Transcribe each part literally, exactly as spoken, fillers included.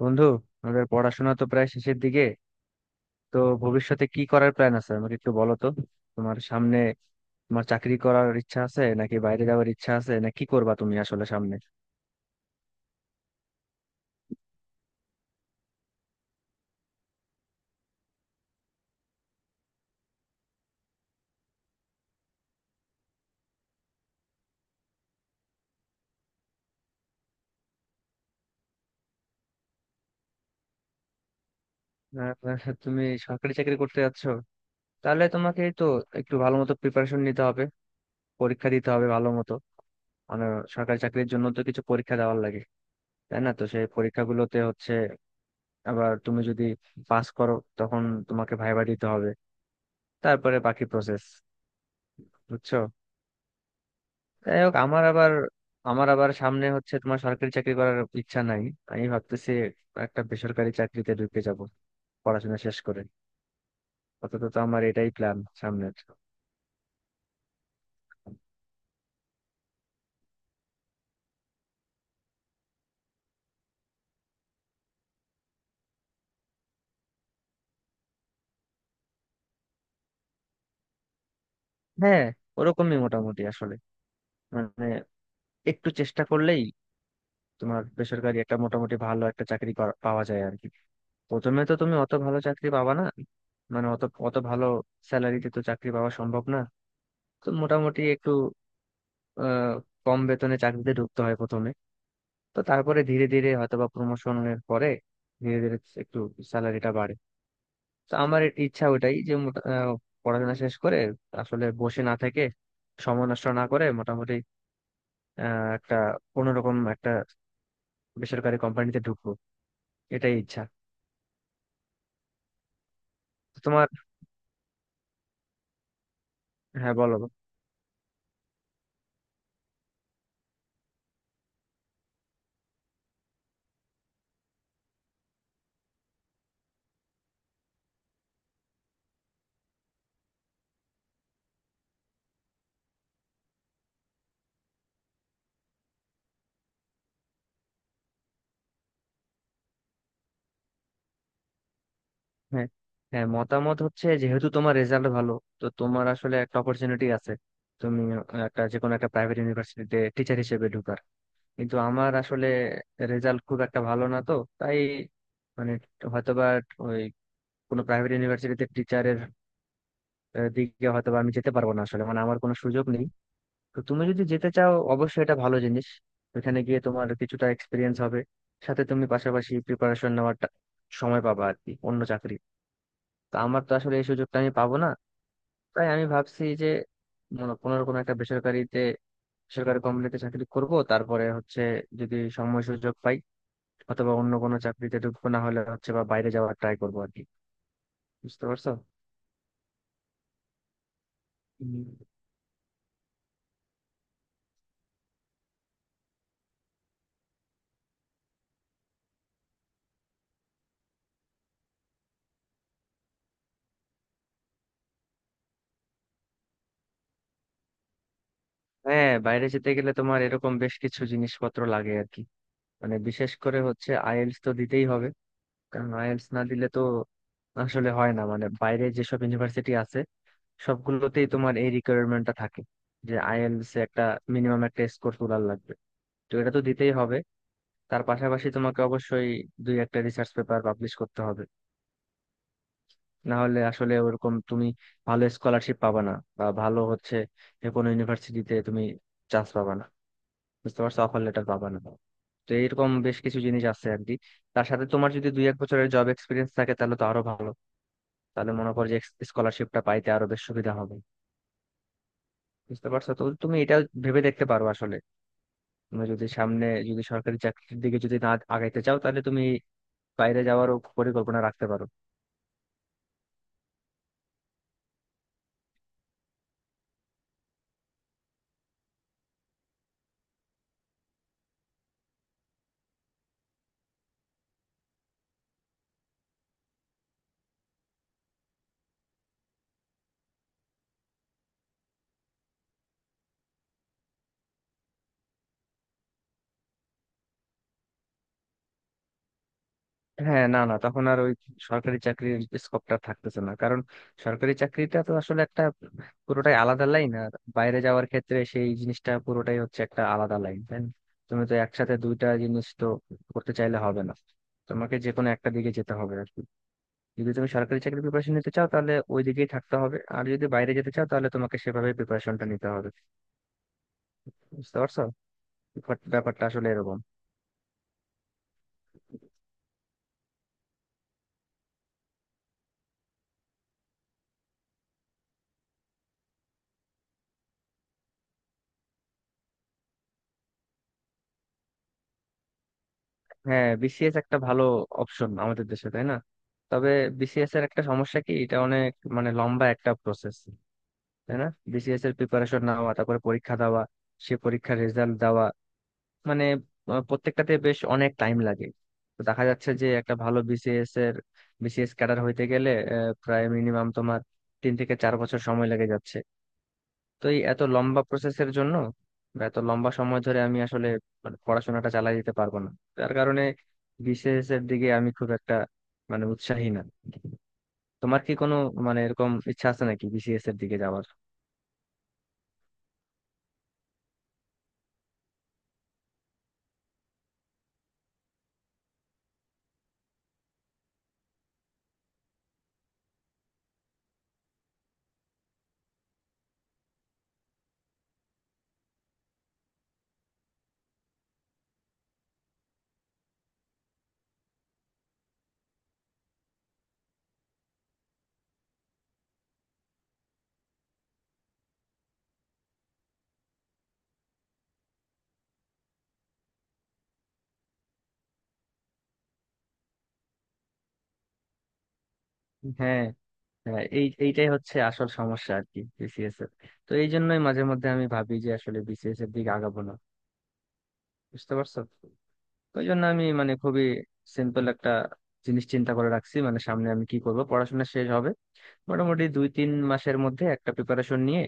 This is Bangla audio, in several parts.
বন্ধু, আমাদের পড়াশোনা তো প্রায় শেষের দিকে। তো ভবিষ্যতে কি করার প্ল্যান আছে আমাকে একটু বলো তো। তোমার সামনে তোমার চাকরি করার ইচ্ছা আছে নাকি বাইরে যাওয়ার ইচ্ছা আছে, না কি করবা তুমি আসলে সামনে? আহ, তুমি সরকারি চাকরি করতে যাচ্ছ, তাহলে তোমাকে তো একটু ভালো মতো প্রিপারেশন নিতে হবে, পরীক্ষা দিতে হবে ভালো মতো। মানে সরকারি চাকরির জন্য তো কিছু পরীক্ষা দেওয়ার লাগে, তাই না? তো সেই পরীক্ষাগুলোতে হচ্ছে, আবার তুমি যদি পাস করো তখন তোমাকে ভাইবা দিতে হবে, তারপরে বাকি প্রসেস। বুঝছো? যাই হোক, আমার আবার আমার আবার সামনে হচ্ছে, তোমার সরকারি চাকরি করার ইচ্ছা নাই। আমি ভাবতেছি একটা বেসরকারি চাকরিতে ঢুকে যাব, পড়াশোনা শেষ করে। অন্তত তো আমার এটাই প্ল্যান সামনের। হ্যাঁ, ওরকমই মোটামুটি আসলে। মানে একটু চেষ্টা করলেই তোমার বেসরকারি একটা মোটামুটি ভালো একটা চাকরি করা- পাওয়া যায় আর কি। প্রথমে তো তুমি অত ভালো চাকরি পাবা না। মানে অত অত ভালো স্যালারিতে তো চাকরি পাওয়া সম্ভব না। তো মোটামুটি একটু আহ কম বেতনে চাকরিতে ঢুকতে হয় প্রথমে। তো তারপরে ধীরে ধীরে হয়তোবা প্রমোশনের পরে ধীরে ধীরে একটু স্যালারিটা বাড়ে। তো আমার ইচ্ছা ওটাই, যে মোটা- আহ, পড়াশোনা শেষ করে আসলে বসে না থেকে, সময় নষ্ট না করে মোটামুটি আহ, একটা কোনোরকম একটা বেসরকারি কোম্পানিতে ঢুকবো, এটাই ইচ্ছা। তো তোমার? হ্যাঁ বলো। হ্যাঁ, হ্যাঁ মতামত হচ্ছে, যেহেতু তোমার রেজাল্ট ভালো, তো তোমার আসলে একটা অপরচুনিটি আছে, তুমি আহ, একটা যে কোনো একটা প্রাইভেট ইউনিভার্সিটিতে টিচার হিসেবে ঢুকার। কিন্তু আমার আসলে রেজাল্ট খুব একটা ভালো না তো। তাই, মানে হয়তোবা ওই কোনো প্রাইভেট ইউনিভার্সিটিতে টিচারের দিকে হয়তোবা আমি যেতে পারবো না আসলে, মানে আমার কোনো সুযোগ নেই। তো তুমি যদি যেতে চাও অবশ্যই এটা ভালো জিনিস, ওখানে গিয়ে তোমার কিছুটা এক্সপিরিয়েন্স হবে, সাথে তুমি পাশাপাশি প্রিপারেশন নেওয়ার টা- সময় পাবা আর কি, অন্য চাকরি। তো আমার তো আসলে এই সুযোগটা আমি পাবো না। তাই আমি ভাবছি যে মনে- কোনো না কোনো একটা বেসরকারিতে, বেসরকারি কোম্পানিতে চাকরি করব। তারপরে হচ্ছে, যদি সময় সুযোগ পাই অথবা অন্য কোনো চাকরিতে ঢুকবো, না হলে হচ্ছে বা বাইরে যাওয়ার ট্রাই করবো আর কি। বুঝতে পারছো? হুম। হ্যাঁ, বাইরে যেতে গেলে তোমার এরকম বেশ কিছু জিনিসপত্র লাগে আর কি। মানে বিশেষ করে হচ্ছে আইএলটিএস তো দিতেই হবে। কারণ আইএলটিএস না দিলে তো আসলে হয় না। মানে বাইরে যেসব ইউনিভার্সিটি আছে সবগুলোতেই তোমার এই রিকোয়ারমেন্টটা থাকে, যে আইএলটিএস একটা মিনিমাম একটা স্কোর তোলার লাগবে। তো এটা তো দিতেই হবে। তার পাশাপাশি তোমাকে অবশ্যই দুই একটা রিসার্চ পেপার পাবলিশ করতে হবে। না হলে আসলে ওরকম তুমি ভালো স্কলারশিপ পাবা না, বা ভালো হচ্ছে, যে কোনো ইউনিভার্সিটিতে তুমি চান্স পাবা না, বুঝতে পারছো, অফার লেটার পাবা না। তো এরকম বেশ কিছু জিনিস আছে আর কি। তার সাথে তোমার যদি দুই এক বছরের জব এক্সপিরিয়েন্স থাকে তাহলে তো আরো ভালো। তাহলে মনে করো যে স্কলারশিপটা পাইতে আরো বেশ সুবিধা হবে। বুঝতে পারছো? তো তুমি এটা ভেবে দেখতে পারো আসলে। তুমি যদি সামনে, যদি সরকারি চাকরির দিকে যদি না আগাইতে চাও, তাহলে তুমি বাইরে যাওয়ারও পরিকল্পনা রাখতে পারো। হ্যাঁ, না না, তখন আর ওই সরকারি চাকরির স্কোপটা থাকতেছে না। কারণ সরকারি চাকরিটা তো আসলে একটা পুরোটাই আলাদা লাইন, আর বাইরে যাওয়ার ক্ষেত্রে সেই জিনিসটা পুরোটাই হচ্ছে একটা আলাদা লাইন, তাই না। তুমি তো একসাথে দুইটা জিনিস তো করতে চাইলে হবে না। তোমাকে যে কোনো একটা দিকে যেতে হবে আর কি। যদি তুমি সরকারি চাকরির প্রিপারেশন নিতে চাও তাহলে ওই দিকেই থাকতে হবে, আর যদি বাইরে যেতে চাও তাহলে তোমাকে সেভাবে প্রিপারেশনটা নিতে হবে। বুঝতে পারছো? ব্যাপারটা ব্যাপারটা আসলে এরকম। হ্যাঁ, বিসিএস একটা ভালো অপশন আমাদের দেশে, তাই না। তবে বিসিএস এর একটা সমস্যা কি, এটা অনেক মানে লম্বা একটা প্রসেস, তাই না। বিসিএস এর প্রিপারেশন নেওয়া, তারপরে পরীক্ষা দেওয়া, সে পরীক্ষার রেজাল্ট দেওয়া, মানে আহ, প্রত্যেকটাতে বেশ অনেক টাইম লাগে। তো দেখা যাচ্ছে যে একটা ভালো বিসিএস এর বিসিএস ক্যাডার হইতে গেলে আহ, প্রায় মিনিমাম তোমার তিন থেকে চার বছর সময় লেগে যাচ্ছে। তো এই এত লম্বা প্রসেসের জন্য বা এত লম্বা সময় ধরে আমি আসলে মানে পড়াশোনাটা চালাই যেতে পারবো না। তার কারণে বিসিএস এর দিকে আমি খুব একটা মানে উৎসাহী না। তোমার কি কোনো মানে এরকম ইচ্ছা আছে নাকি বিসিএস এর দিকে যাওয়ার? হ্যাঁ হ্যাঁ, এই এইটাই হচ্ছে আসল সমস্যা আর কি বিসিএস এর। তো এই জন্যই মাঝে মধ্যে আমি ভাবি যে আসলে বিসিএস এর দিকে আগাবো না, বুঝতে পারছো। ওই জন্য আমি মানে খুবই সিম্পল একটা জিনিস চিন্তা করে রাখছি, মানে সামনে আমি কি করব। পড়াশোনা শেষ হবে মোটামুটি, দুই তিন মাসের মধ্যে একটা প্রিপারেশন নিয়ে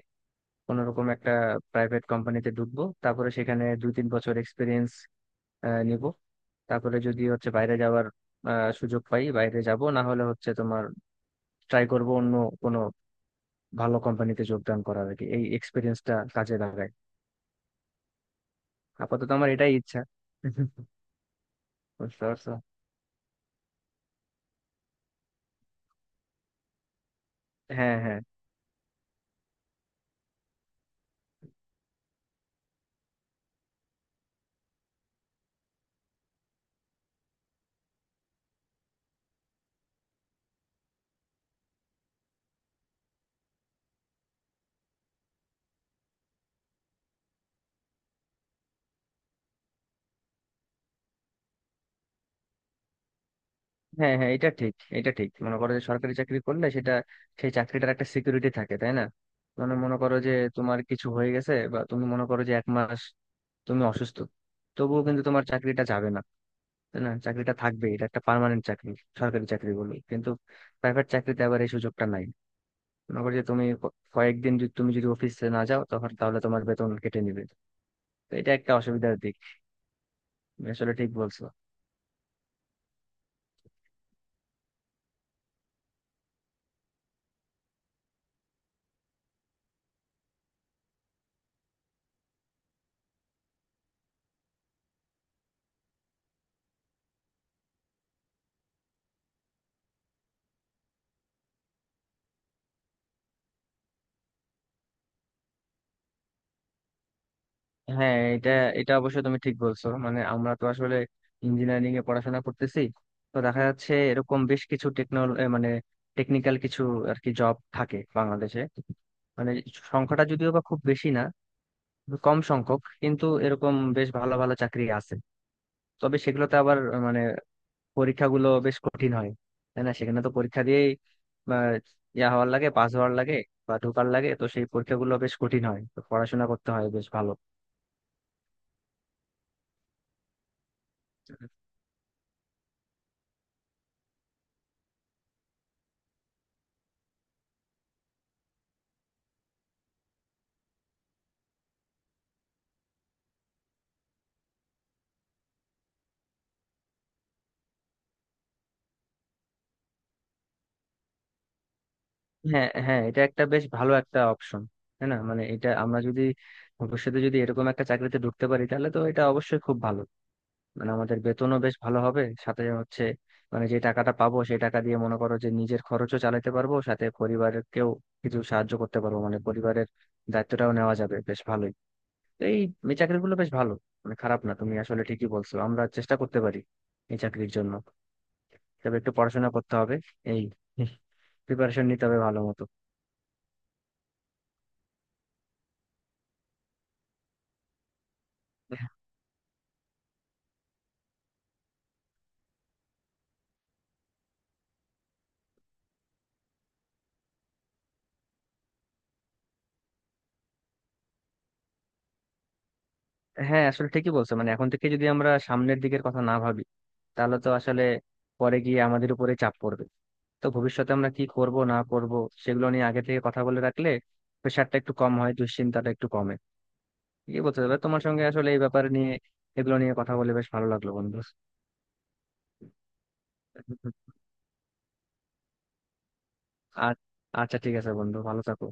কোনো রকম একটা প্রাইভেট কোম্পানিতে ঢুকবো, তারপরে সেখানে দুই তিন বছর এক্সপিরিয়েন্স নিব। তারপরে যদি হচ্ছে বাইরে যাওয়ার আহ, সুযোগ পাই বাইরে যাব, না হলে হচ্ছে তোমার ট্রাই করব অন্য কোনো ভালো কোম্পানিতে যোগদান করার আর কি, এই এক্সপিরিয়েন্সটা কাজে লাগায়। আপাতত আমার এটাই ইচ্ছা। বুঝতে পারছো? হ্যাঁ, হ্যাঁ, হ্যাঁ, হ্যাঁ, এটা ঠিক, এটা ঠিক মনে করো যে সরকারি চাকরি করলে সেটা, সেই চাকরিটার একটা সিকিউরিটি থাকে তাই না। মানে মনে করো যে তোমার কিছু হয়ে গেছে, বা তুমি মনে করো যে এক মাস তুমি অসুস্থ, তবুও কিন্তু তোমার চাকরিটা যাবে না, তাই না। চাকরিটা থাকবে, এটা একটা পার্মানেন্ট চাকরি সরকারি চাকরি বলে। কিন্তু প্রাইভেট চাকরিতে আবার এই সুযোগটা নাই। মনে করো যে তুমি ক- কয়েকদিন যদি, তুমি যদি অফিসে না যাও তখন, তাহলে তোমার বেতন কেটে নিবে। তো এটা একটা অসুবিধার দিক, তুমি আসলে ঠিক বলছো। হ্যাঁ, এটা এটা অবশ্য তুমি ঠিক বলছো, মানে আমরা তো আসলে ইঞ্জিনিয়ারিং এ পড়াশোনা করতেছি। তো দেখা যাচ্ছে এরকম বেশ কিছু টেকনোল মানে টেকনিক্যাল কিছু আর কি জব থাকে বাংলাদেশে। মানে সংখ্যাটা যদিও বা খুব বেশি না, কম সংখ্যক, কিন্তু এরকম বেশ ভালো ভালো চাকরি আছে। তবে সেগুলোতে আবার মানে পরীক্ষাগুলো বেশ কঠিন হয়, তাই না। সেখানে তো পরীক্ষা দিয়েই, বা ইয়া হওয়ার লাগে পাস হওয়ার লাগে বা ঢোকার লাগে। তো সেই পরীক্ষাগুলো বেশ কঠিন হয়, তো পড়াশোনা করতে হয় বেশ ভালো। হ্যাঁ হ্যাঁ, এটা একটা বেশ ভালো একটা অপশন তাই না। মানে এটা আমরা যদি ভবিষ্যতে যদি এরকম একটা চাকরিতে ঢুকতে পারি তাহলে তো এটা অবশ্যই খুব ভালো। মানে আমাদের বেতনও বেশ ভালো হবে, সাথে হচ্ছে মানে যে টাকাটা পাবো সেই টাকা দিয়ে মনে করো যে নিজের খরচও চালাতে পারবো, সাথে পরিবারকেও কিছু সাহায্য করতে পারবো, মানে পরিবারের দায়িত্বটাও নেওয়া যাবে বেশ ভালোই। তো এই এই চাকরিগুলো বেশ ভালো, মানে খারাপ না। তুমি আসলে ঠিকই বলছো, আমরা চেষ্টা করতে পারি এই চাকরির জন্য, তবে একটু পড়াশোনা করতে হবে, এই প্রিপারেশন নিতে হবে ভালো মতো। হ্যাঁ, আসলে ঠিকই বলছো, মানে এখন থেকে যদি আমরা সামনের দিকের কথা না ভাবি, তাহলে তো আসলে পরে গিয়ে আমাদের উপরে চাপ পড়বে। তো ভবিষ্যতে আমরা কি করব না করব, সেগুলো নিয়ে আগে থেকে কথা বলে রাখলে প্রেশারটা একটু কম হয়, দুশ্চিন্তাটা একটু কমে। এই বলতে হবে, তোমার সঙ্গে আসলে এই ব্যাপারে নিয়ে এগুলো নিয়ে কথা বলে বেশ ভালো লাগলো বন্ধু। আর আচ্ছা, ঠিক আছে বন্ধু, ভালো থাকো।